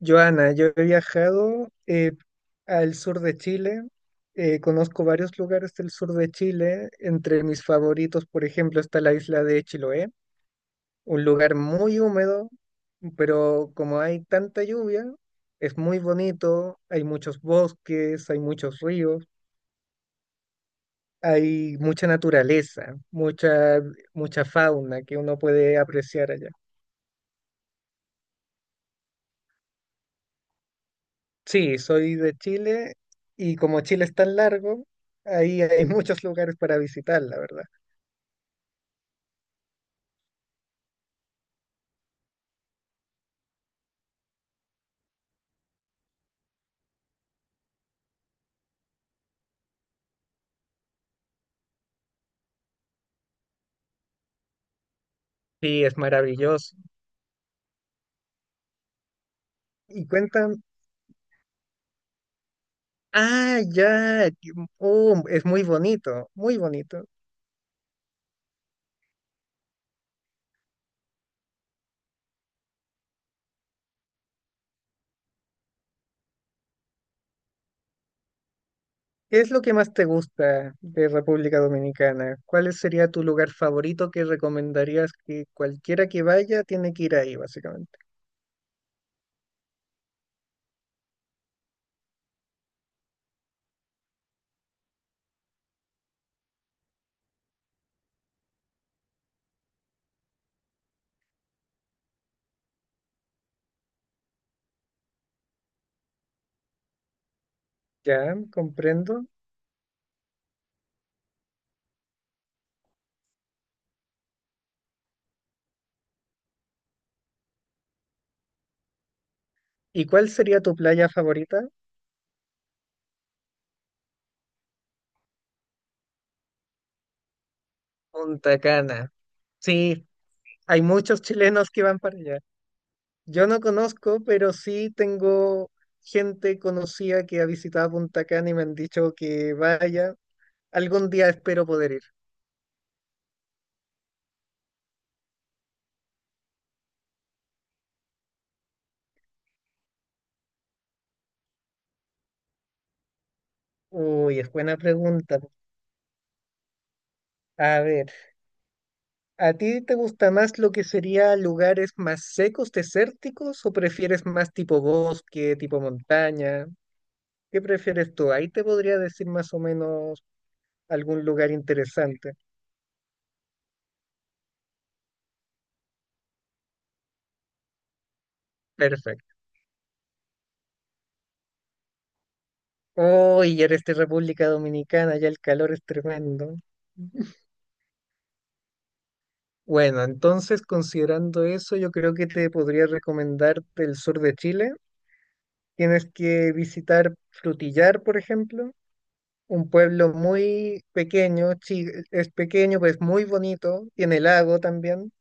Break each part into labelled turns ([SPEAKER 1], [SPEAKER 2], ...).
[SPEAKER 1] Joana, yo he viajado al sur de Chile. Conozco varios lugares del sur de Chile. Entre mis favoritos, por ejemplo, está la isla de Chiloé, un lugar muy húmedo, pero como hay tanta lluvia, es muy bonito, hay muchos bosques, hay muchos ríos, hay mucha naturaleza, mucha fauna que uno puede apreciar allá. Sí, soy de Chile, y como Chile es tan largo, ahí hay muchos lugares para visitar, la verdad. Sí, es maravilloso. Y cuentan, ah, ya, oh, es muy bonito, muy bonito. ¿Qué es lo que más te gusta de República Dominicana? ¿Cuál sería tu lugar favorito que recomendarías que cualquiera que vaya tiene que ir ahí, básicamente? Ya, comprendo. ¿Y cuál sería tu playa favorita? Punta Cana. Sí, hay muchos chilenos que van para allá. Yo no conozco, pero sí tengo gente conocida que ha visitado Punta Cana y me han dicho que vaya. Algún día espero poder ir. Uy, es buena pregunta. A ver, ¿a ti te gusta más lo que sería lugares más secos, desérticos, o prefieres más tipo bosque, tipo montaña? ¿Qué prefieres tú? Ahí te podría decir más o menos algún lugar interesante. Perfecto. Uy, ya eres de República Dominicana, ya el calor es tremendo. Bueno, entonces considerando eso, yo creo que te podría recomendar el sur de Chile. Tienes que visitar Frutillar, por ejemplo, un pueblo muy pequeño, es pequeño, pero es muy bonito, tiene lago también.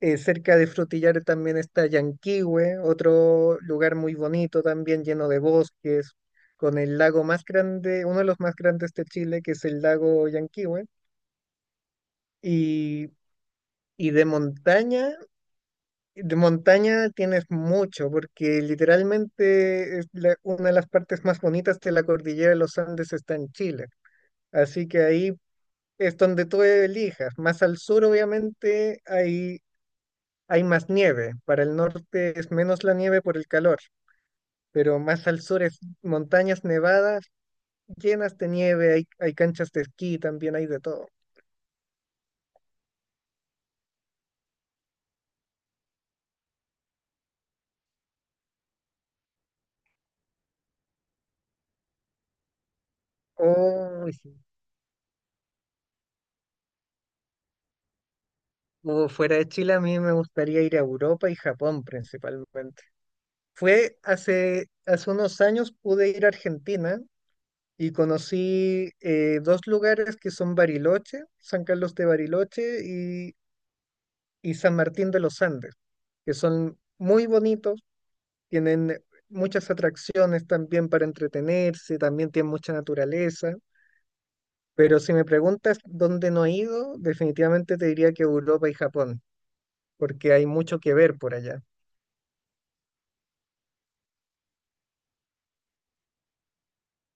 [SPEAKER 1] Cerca de Frutillar también está Llanquihue, otro lugar muy bonito también, lleno de bosques, con el lago más grande, uno de los más grandes de Chile, que es el lago Llanquihue. Y, y de montaña. De montaña tienes mucho, porque literalmente es una de las partes más bonitas de la cordillera de los Andes está en Chile. Así que ahí es donde tú elijas. Más al sur, obviamente, hay más nieve. Para el norte es menos la nieve por el calor, pero más al sur es montañas nevadas llenas de nieve. Hay canchas de esquí, también hay de todo. Oh, sí. O fuera de Chile, a mí me gustaría ir a Europa y Japón principalmente. Fue hace unos años pude ir a Argentina y conocí dos lugares que son Bariloche, San Carlos de Bariloche y San Martín de los Andes, que son muy bonitos, tienen muchas atracciones también para entretenerse, también tienen mucha naturaleza. Pero si me preguntas dónde no he ido, definitivamente te diría que Europa y Japón, porque hay mucho que ver por allá.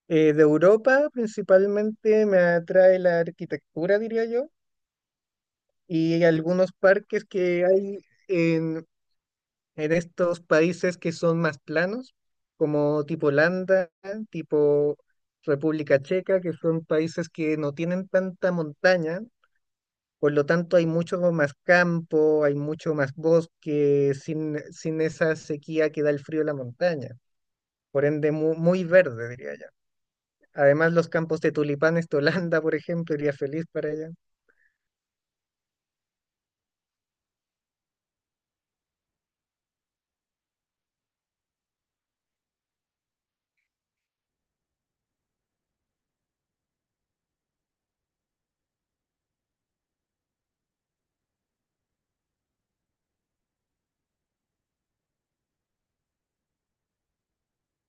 [SPEAKER 1] De Europa principalmente me atrae la arquitectura, diría yo, y algunos parques que hay en, en estos países que son más planos, como tipo Holanda, tipo República Checa, que son países que no tienen tanta montaña, por lo tanto hay mucho más campo, hay mucho más bosque, sin esa sequía que da el frío de la montaña, por ende muy verde, diría yo. Además, los campos de tulipanes de Holanda, por ejemplo, iría feliz para allá.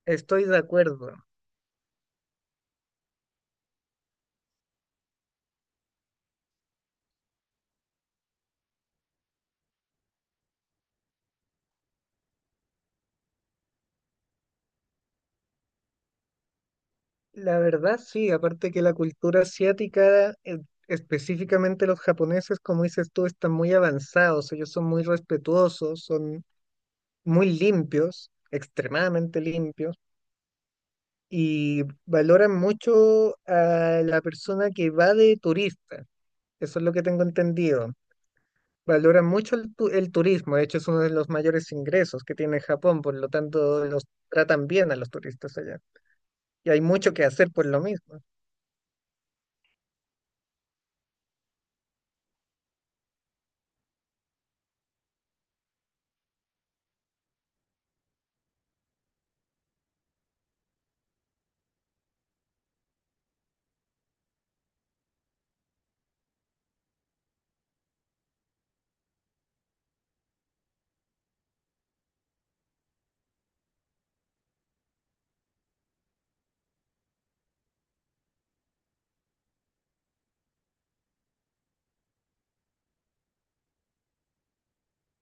[SPEAKER 1] Estoy de acuerdo. La verdad, sí, aparte que la cultura asiática, específicamente los japoneses, como dices tú, están muy avanzados, ellos son muy respetuosos, son muy limpios, extremadamente limpios, y valoran mucho a la persona que va de turista, eso es lo que tengo entendido. Valoran mucho el turismo. De hecho, es uno de los mayores ingresos que tiene Japón, por lo tanto los tratan bien a los turistas allá, y hay mucho que hacer por lo mismo.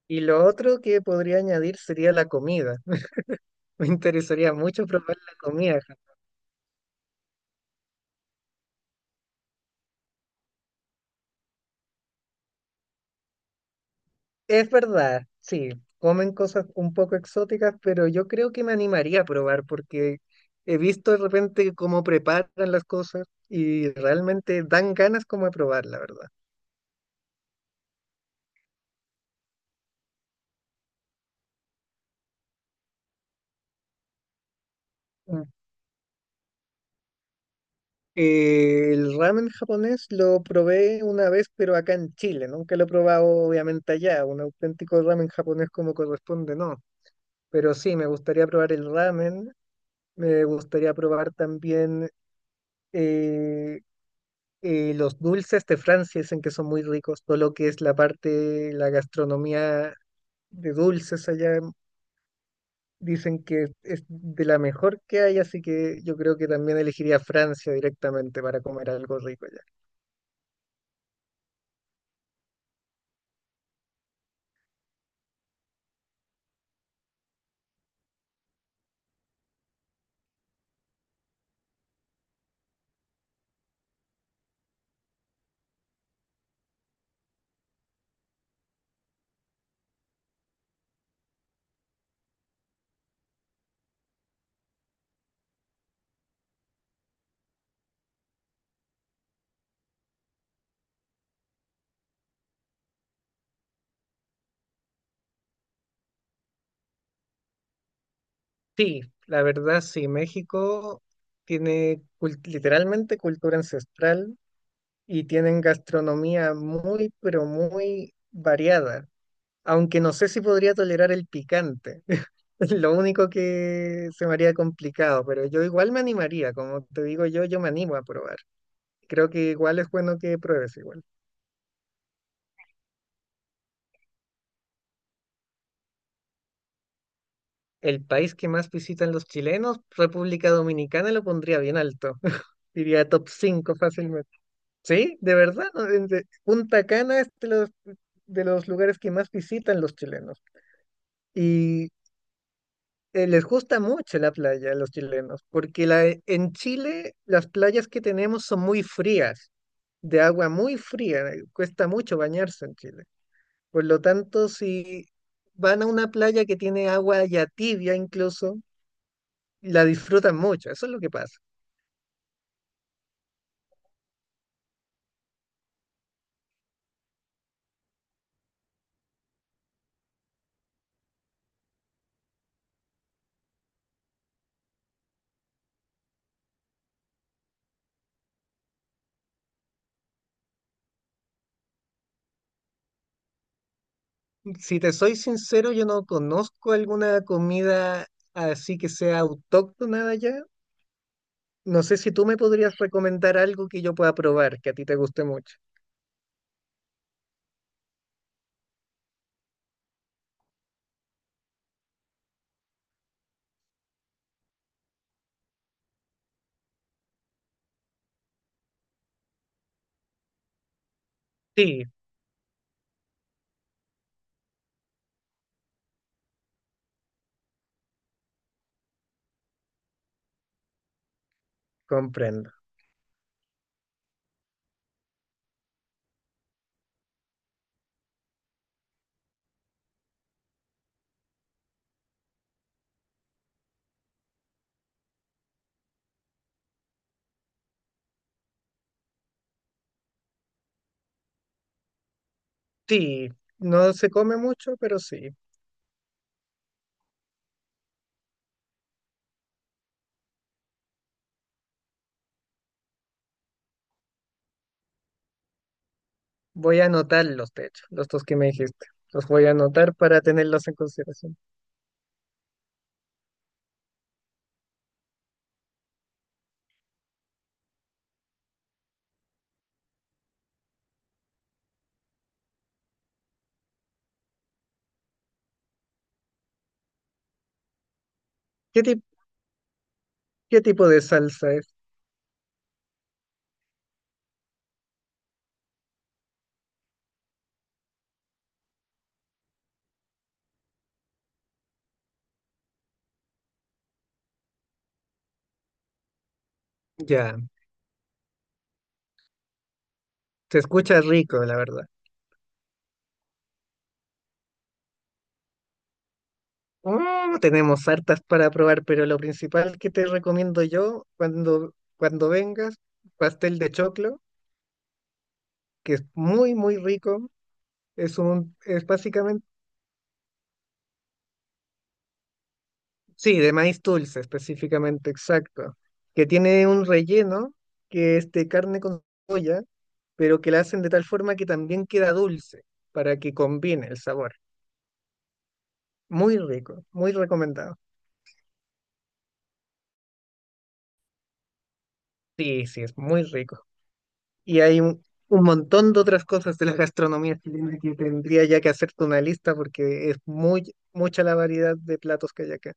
[SPEAKER 1] Y lo otro que podría añadir sería la comida. Me interesaría mucho probar la comida. Es verdad, sí, comen cosas un poco exóticas, pero yo creo que me animaría a probar porque he visto de repente cómo preparan las cosas y realmente dan ganas como de probar, la verdad. Mm. El ramen japonés lo probé una vez, pero acá en Chile, nunca lo he probado. Obviamente allá, un auténtico ramen japonés como corresponde, no. Pero sí, me gustaría probar el ramen. Me gustaría probar también eh, los dulces de Francia, dicen que son muy ricos. Todo lo que es la gastronomía de dulces allá, dicen que es de la mejor que hay, así que yo creo que también elegiría Francia directamente para comer algo rico allá. Sí, la verdad sí, México tiene literalmente cultura ancestral, y tienen gastronomía muy, pero muy variada, aunque no sé si podría tolerar el picante. Es lo único que se me haría complicado, pero yo igual me animaría, como te digo yo, yo me animo a probar. Creo que igual es bueno que pruebes igual. El país que más visitan los chilenos, República Dominicana, lo pondría bien alto. Diría top 5 fácilmente. Sí, de verdad, ¿no? Punta Cana es de los lugares que más visitan los chilenos. Y les gusta mucho la playa a los chilenos, porque en Chile las playas que tenemos son muy frías, de agua muy fría. Cuesta mucho bañarse en Chile. Por lo tanto, si van a una playa que tiene agua ya tibia incluso, la disfrutan mucho, eso es lo que pasa. Si te soy sincero, yo no conozco alguna comida así que sea autóctona de allá. No sé si tú me podrías recomendar algo que yo pueda probar, que a ti te guste mucho. Sí, comprendo. Sí, no se come mucho, pero sí. Voy a anotar los techos, los dos que me dijiste. Los voy a anotar para tenerlos en consideración. ¿Qué tip- ¿Qué tipo de salsa es? Ya, se escucha rico, la verdad. Mm, tenemos hartas para probar, pero lo principal que te recomiendo yo cuando vengas, pastel de choclo, que es muy, muy rico. Es un, es básicamente, sí, de maíz dulce específicamente, exacto. Que tiene un relleno que es de carne con soya, pero que la hacen de tal forma que también queda dulce, para que combine el sabor. Muy rico, muy recomendado. Sí, sí, es muy rico. Y hay un montón de otras cosas de la gastronomía chilena que tendría ya que hacerte una lista porque es muy mucha la variedad de platos que hay acá.